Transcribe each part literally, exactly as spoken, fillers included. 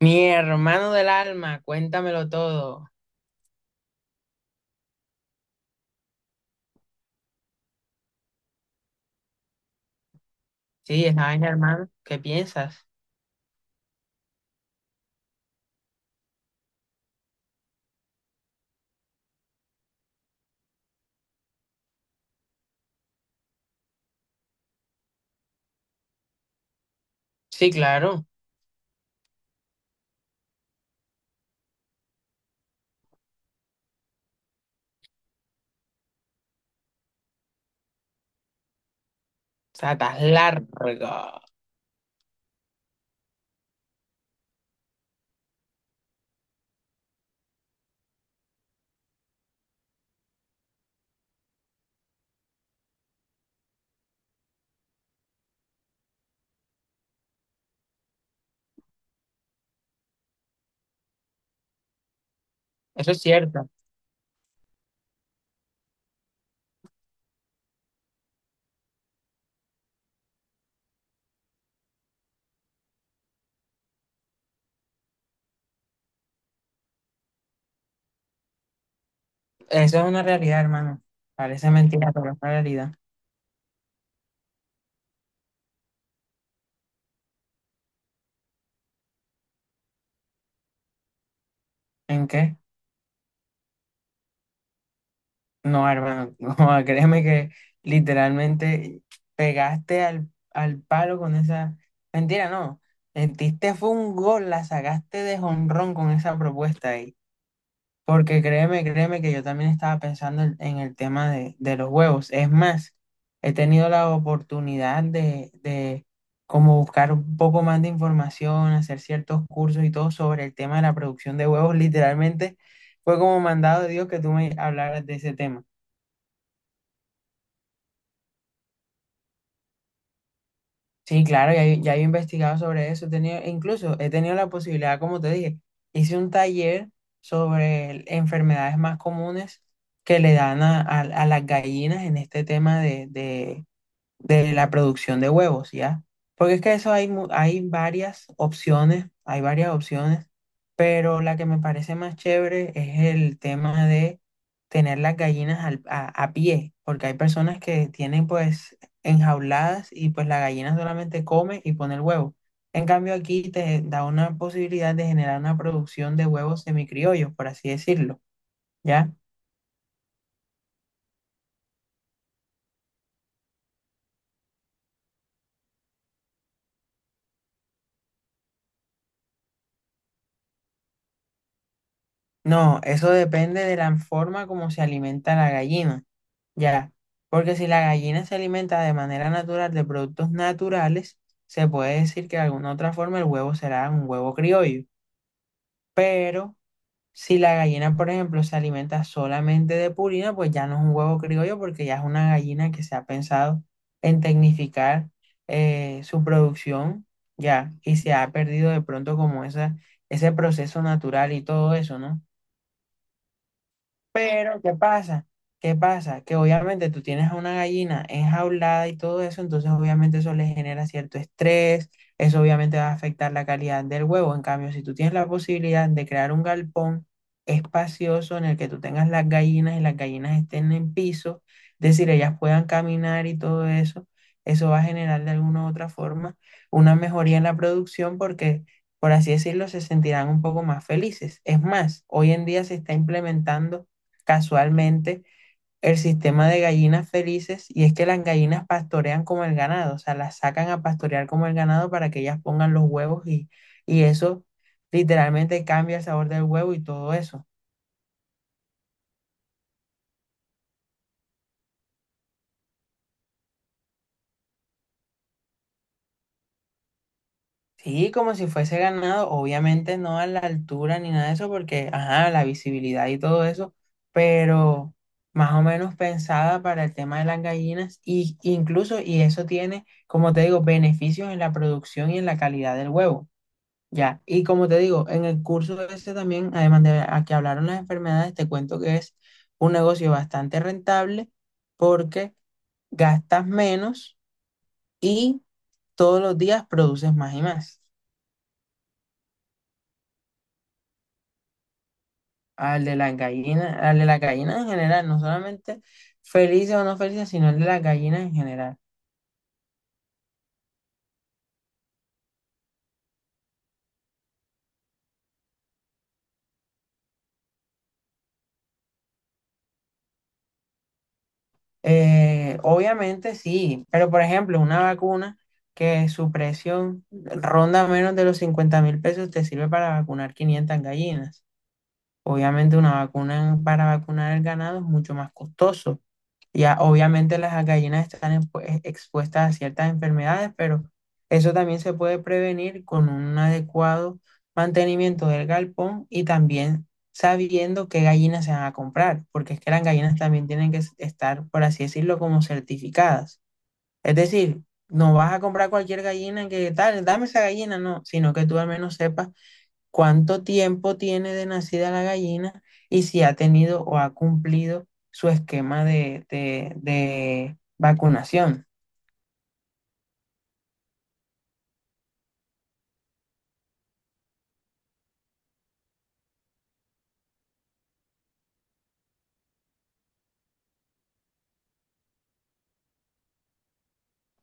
Mi hermano del alma, cuéntamelo todo. Sí, esa vaina, hermano, ¿qué piensas? Sí, claro. O sea, estás largo. Eso es cierto. Eso es una realidad, hermano. Parece mentira, pero es una realidad. ¿En qué? No, hermano. No, créeme que literalmente pegaste al, al palo con esa. Mentira, no. Metiste fue un gol, la sacaste de jonrón con esa propuesta ahí. Porque créeme, créeme que yo también estaba pensando en, en el tema de, de los huevos. Es más, he tenido la oportunidad de, de como buscar un poco más de información, hacer ciertos cursos y todo sobre el tema de la producción de huevos. Literalmente fue como mandado de Dios que tú me hablaras de ese tema. Sí, claro, ya, yo- ya yo he investigado sobre eso. He tenido, incluso he tenido la posibilidad, como te dije, hice un taller sobre el- enfermedades más comunes que le dan a, a- a las gallinas en este tema de, de la producción de huevos, ¿ya? Porque es que eso hay, mu- hay varias opciones, hay varias opciones, pero la que me parece más chévere es el tema de tener las gallinas al- a, a pie, porque hay personas que tienen pues enjauladas y pues la gallina solamente come y pone el huevo. En cambio aquí te da una posibilidad de generar una producción de huevos semicriollos, por así decirlo, ¿ya? No, eso depende de la forma como se alimenta la gallina. Ya, porque si la gallina se alimenta de manera natural de productos naturales, se puede decir que de alguna otra forma el huevo será un huevo criollo. Pero si la gallina, por ejemplo, se alimenta solamente de purina, pues ya no es un huevo criollo porque ya es una gallina que se ha pensado en tecnificar eh, su producción, ya, y se ha perdido de pronto como esa, ese proceso natural y todo eso, ¿no? Pero, ¿qué pasa? ¿Qué pasa? Que obviamente tú tienes a una gallina enjaulada y todo eso, entonces obviamente eso le genera cierto estrés, eso obviamente va a afectar la calidad del huevo. En cambio, si tú tienes la posibilidad de crear un galpón espacioso en el que tú tengas las gallinas y las gallinas estén en piso, es decir, ellas puedan caminar y todo eso, eso va a generar de alguna u otra forma una mejoría en la producción porque por así decirlo, se sentirán un poco más felices. Es más, hoy en día se está implementando casualmente el sistema de gallinas felices y es que las gallinas pastorean como el ganado, o sea, las sacan a pastorear como el ganado para que ellas pongan los huevos y, y eso literalmente cambia el sabor del huevo y todo eso. Sí, como si fuese ganado, obviamente no a la altura ni nada de eso, porque, ajá, la visibilidad y todo eso, pero más o menos pensada para el tema de las gallinas, y incluso, y eso tiene, como te digo, beneficios en la producción y en la calidad del huevo. Ya, y como te digo, en el curso ese también, además de a que hablaron las enfermedades, te cuento que es un negocio bastante rentable porque gastas menos y todos los días produces más y más. Al de las gallinas, al de las gallinas en general, no solamente felices o no felices, sino el de las gallinas en general. Eh, obviamente sí, pero por ejemplo, una vacuna que su precio ronda menos de los cincuenta mil pesos te sirve para vacunar quinientas gallinas. Obviamente una vacuna para vacunar el ganado es mucho más costoso. Ya obviamente las gallinas están expu- eh, expuestas a ciertas enfermedades, pero eso también se puede prevenir con un adecuado mantenimiento del galpón y también sabiendo qué gallinas se van a comprar, porque es que las gallinas también tienen que s- estar, por así decirlo, como certificadas. Es decir, no vas a comprar cualquier gallina que tal, dame esa gallina, no, sino que tú al menos sepas cuánto tiempo tiene de nacida la gallina y si ha tenido o ha cumplido su esquema de, de- de vacunación.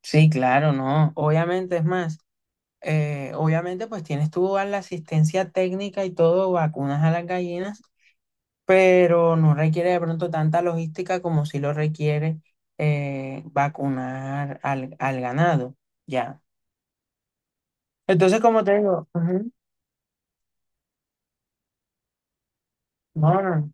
Sí, claro, no. Obviamente es más, eh, obviamente pues tienes tú a la asistencia técnica y todo, vacunas a las gallinas, pero no requiere de pronto tanta logística como si lo requiere eh, vacunar al, al ganado, ya. Entonces, como te digo, ujú, no, no, no.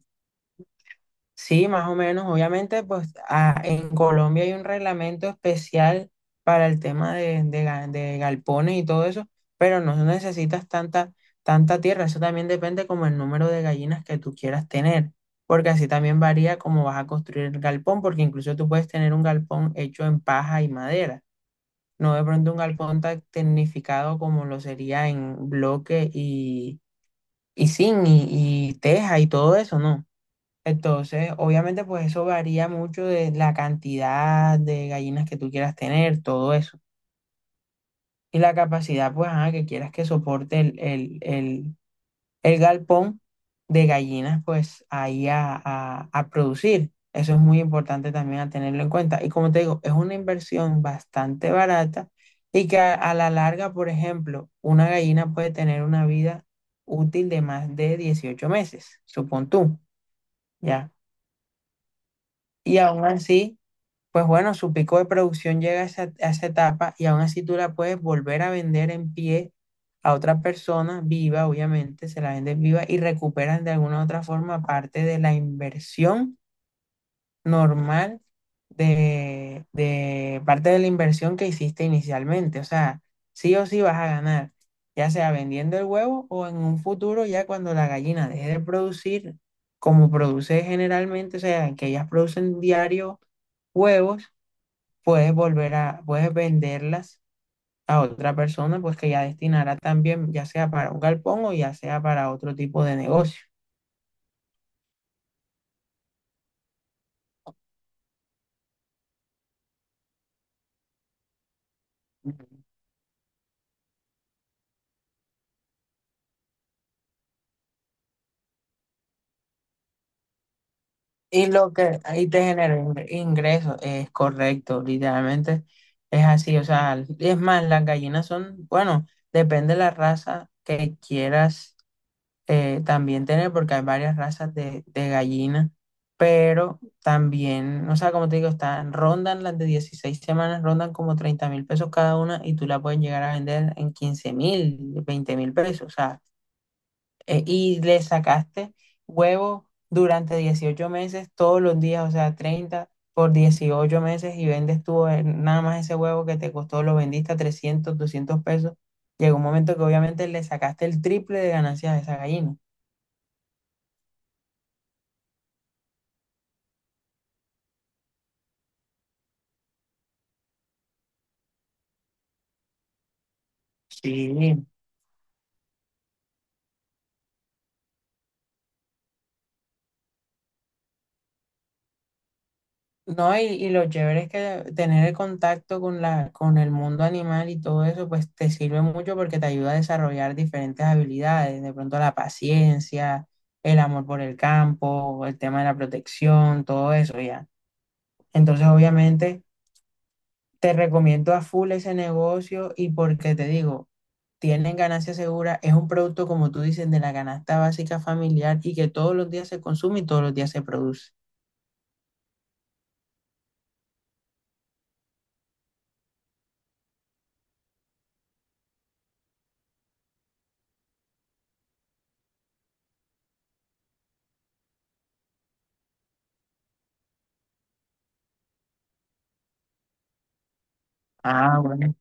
Sí, más o menos. Obviamente, pues ah, en Colombia hay un reglamento especial para el tema de, de ga- de galpones y todo eso, pero no necesitas tanta, tanta tierra. Eso también depende como el número de gallinas que tú quieras tener, porque así también varía cómo vas a construir el galpón, porque incluso tú puedes tener un galpón hecho en paja y madera, no de pronto un galpón tan tecnificado como lo sería en bloque y, y zinc y, y teja y todo eso, ¿no? Entonces, obviamente, pues eso varía mucho de la cantidad de gallinas que tú quieras tener, todo eso. Y la capacidad, pues, ajá, que quieras que soporte el, el, el, el galpón de gallinas, pues, ahí a, a, a producir. Eso es muy importante también a tenerlo en cuenta. Y como te digo, es una inversión bastante barata y que a, a la larga, por ejemplo, una gallina puede tener una vida útil de más de dieciocho meses, supón tú, ¿ya? Y aún así pues bueno, su pico de producción llega a esa, a esa etapa y aún así tú la puedes volver a vender en pie a otra persona viva, obviamente, se la vendes viva y recuperas de alguna u otra forma parte de la inversión normal de, de parte de la inversión que hiciste inicialmente. O sea, sí o sí vas a ganar, ya sea vendiendo el huevo o en un futuro ya cuando la gallina deje de producir como produce generalmente, o sea, que ellas producen diario huevos puedes volver a, puedes venderlas a otra persona, pues que ya destinará también, ya sea para un galpón o ya sea para otro tipo de negocio. Y lo que ahí te genera ingre- ingresos es correcto, literalmente es así, o sea, es más, las gallinas son, bueno, depende de la raza que quieras eh, también tener, porque hay varias razas de, de gallinas, pero también, o sea, como te digo, están, rondan las de dieciséis semanas, rondan como treinta mil pesos cada una y tú la puedes llegar a vender en quince mil, veinte mil pesos, o sea, eh, y le sacaste huevos durante dieciocho meses, todos los días, o sea, treinta por dieciocho meses y vendes tú eh, nada más ese huevo que te costó, lo vendiste a trescientos, doscientos pesos. Llegó un momento que obviamente le sacaste el triple de ganancias a esa gallina. Sí. No, y, y lo chévere es que tener el contacto con la, con el mundo animal y todo eso, pues te sirve mucho porque te ayuda a desarrollar diferentes habilidades, de pronto la paciencia, el amor por el campo, el tema de la protección, todo eso ya. Entonces, obviamente, te recomiendo a full ese negocio y porque te digo, tienen ganancia segura, es un producto, como tú dices, de la canasta básica familiar y que todos los días se consume y todos los días se produce. Ah, bueno.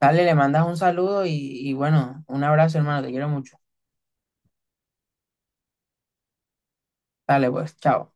Dale, le mandas un saludo y, y bueno, un abrazo, hermano, te quiero mucho. Dale, pues, chao.